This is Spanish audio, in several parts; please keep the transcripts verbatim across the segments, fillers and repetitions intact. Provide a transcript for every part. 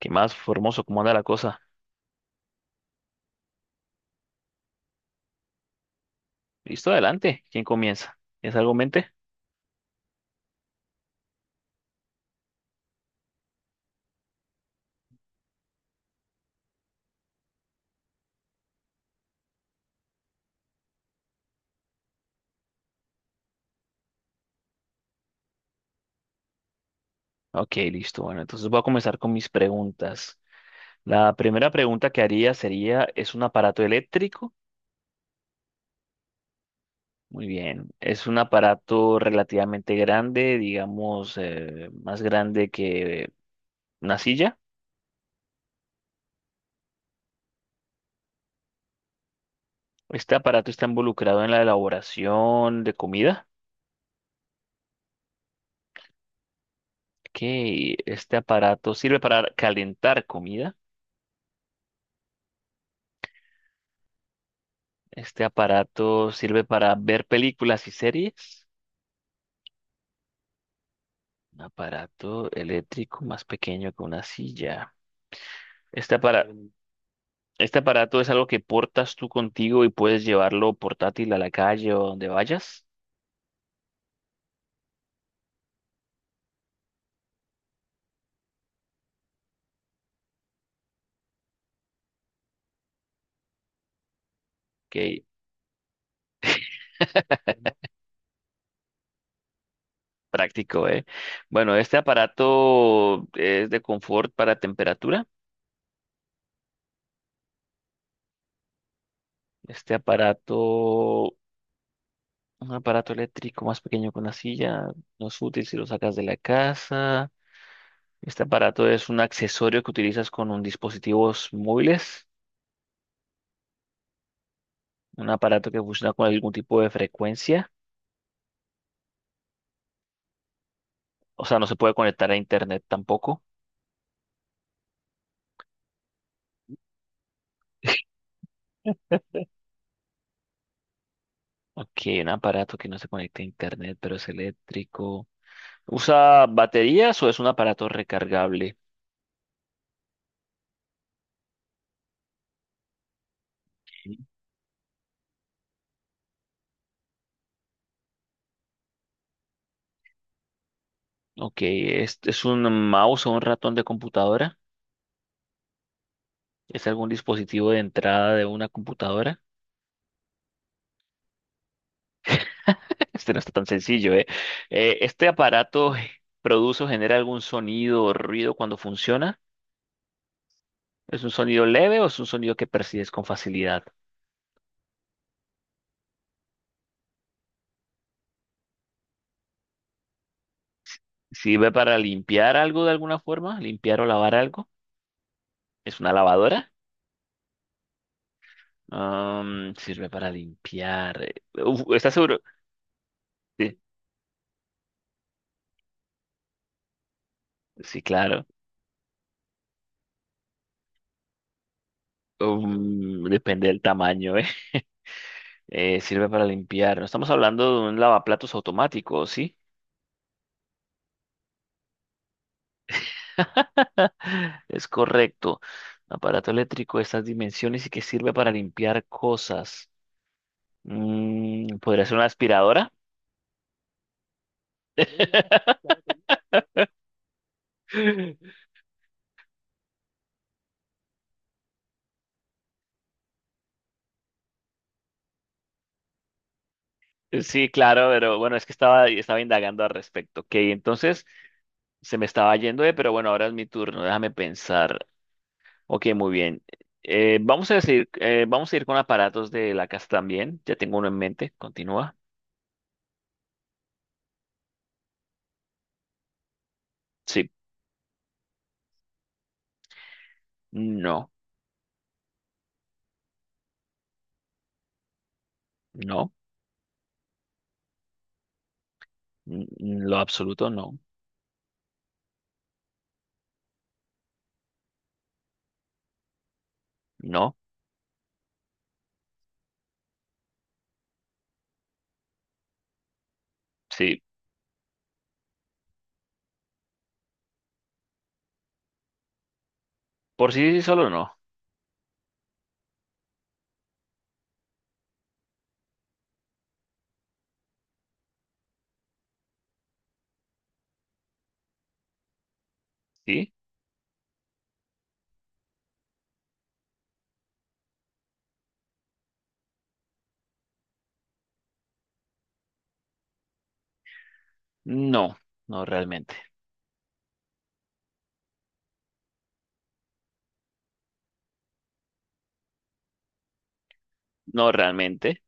¿Qué más, Formoso? ¿Cómo anda la cosa? Listo, adelante. ¿Quién comienza? ¿Es algo en mente? Ok, listo. Bueno, entonces voy a comenzar con mis preguntas. La primera pregunta que haría sería, ¿es un aparato eléctrico? Muy bien. ¿Es un aparato relativamente grande, digamos, eh, más grande que una silla? ¿Este aparato está involucrado en la elaboración de comida? Ok, ¿este aparato sirve para calentar comida? ¿Este aparato sirve para ver películas y series? Un aparato eléctrico más pequeño que una silla. Este aparato, este aparato es algo que portas tú contigo y puedes llevarlo portátil a la calle o donde vayas. Qué práctico, ¿eh? Bueno, este aparato es de confort para temperatura. Este aparato, un aparato eléctrico más pequeño que una silla, no es útil si lo sacas de la casa. Este aparato es un accesorio que utilizas con un dispositivos móviles, un aparato que funciona con algún tipo de frecuencia. O sea, no se puede conectar a internet tampoco. Aquí un aparato que no se conecta a internet, pero es eléctrico. ¿Usa baterías o es un aparato recargable? Ok, ¿es, ¿es un mouse o un ratón de computadora? ¿Es algún dispositivo de entrada de una computadora? Este no está tan sencillo, ¿eh? Eh, ¿este aparato produce o genera algún sonido o ruido cuando funciona? ¿Es un sonido leve o es un sonido que percibes con facilidad? ¿Sirve para limpiar algo de alguna forma? ¿Limpiar o lavar algo? ¿Es una lavadora? Um, sirve para limpiar. eh. Uf, ¿estás seguro? Sí, sí, claro. Um, depende del tamaño, ¿eh? Eh, sirve para limpiar. No estamos hablando de un lavaplatos automático, ¿sí? Es correcto. Aparato eléctrico de estas dimensiones y que sirve para limpiar cosas. Mm, ¿podría ser una aspiradora? Sí, claro, pero bueno, es que estaba, estaba indagando al respecto. Ok, entonces, se me estaba yendo, eh, pero bueno, ahora es mi turno, déjame pensar. Ok, muy bien. Eh, vamos a decir, eh, vamos a ir con aparatos de la casa también. Ya tengo uno en mente. Continúa. Sí. No. No. N- Lo absoluto no. No. Sí. Por sí sí, solo no. Sí. No. No realmente. No realmente.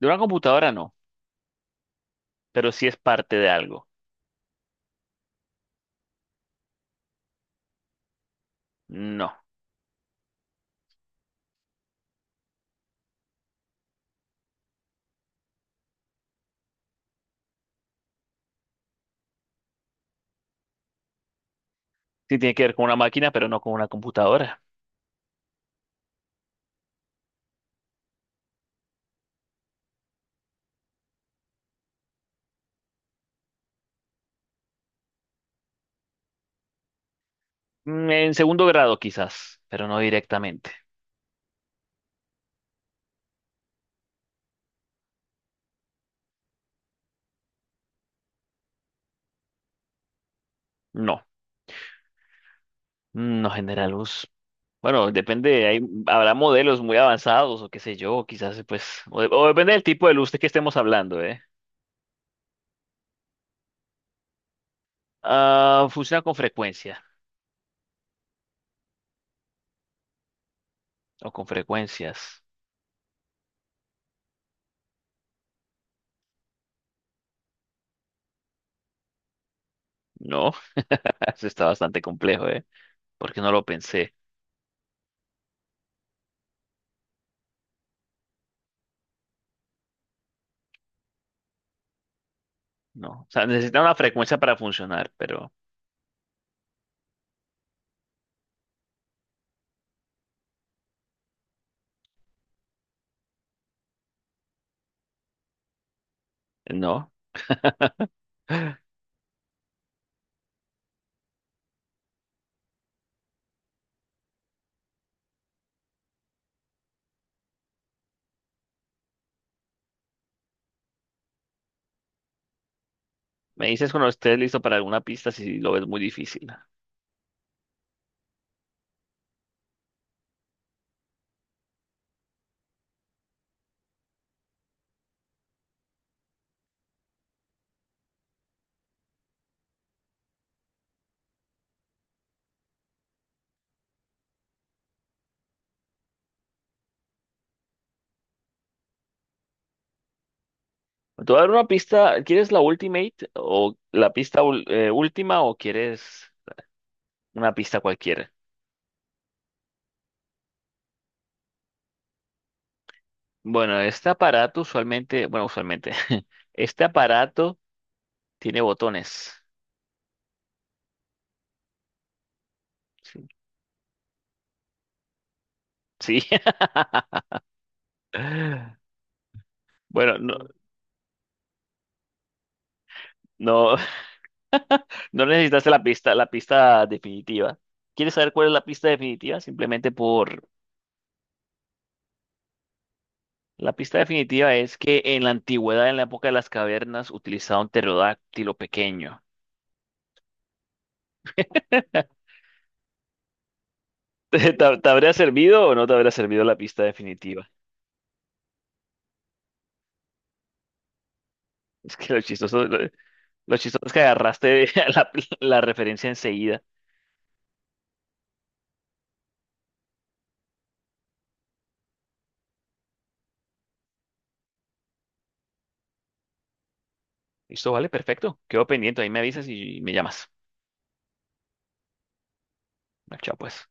De una computadora no, pero sí es parte de algo. No. Sí tiene que ver con una máquina, pero no con una computadora. Mm, en segundo grado quizás, pero no directamente. No. Mm, no genera luz. Bueno, depende, hay, habrá modelos muy avanzados o qué sé yo, quizás pues, o, de- o depende del tipo de luz de que estemos hablando, ¿eh? Ah, funciona con frecuencia o con frecuencias. No, eso está bastante complejo, ¿eh? Porque no lo pensé, ¿no? O sea, necesita una frecuencia para funcionar, pero no. Me dices cuando estés listo para alguna pista si lo ves muy difícil. Te voy a dar una pista, ¿quieres la Ultimate o la pista ul- eh, última o quieres una pista cualquiera? Bueno, este aparato usualmente, bueno, usualmente, este aparato tiene botones. Sí. Sí. Bueno, no, no, no necesitaste la pista, la pista definitiva. ¿Quieres saber cuál es la pista definitiva? Simplemente por... La pista definitiva es que en la antigüedad, en la época de las cavernas, utilizaban un pterodáctilo pequeño. ¿Te, te habría servido o no te habría servido la pista definitiva? Es que lo chistoso, lo, lo chistoso es que agarraste la la referencia enseguida. Listo, vale, perfecto. Quedo pendiente, ahí me avisas y me llamas. Chao, pues.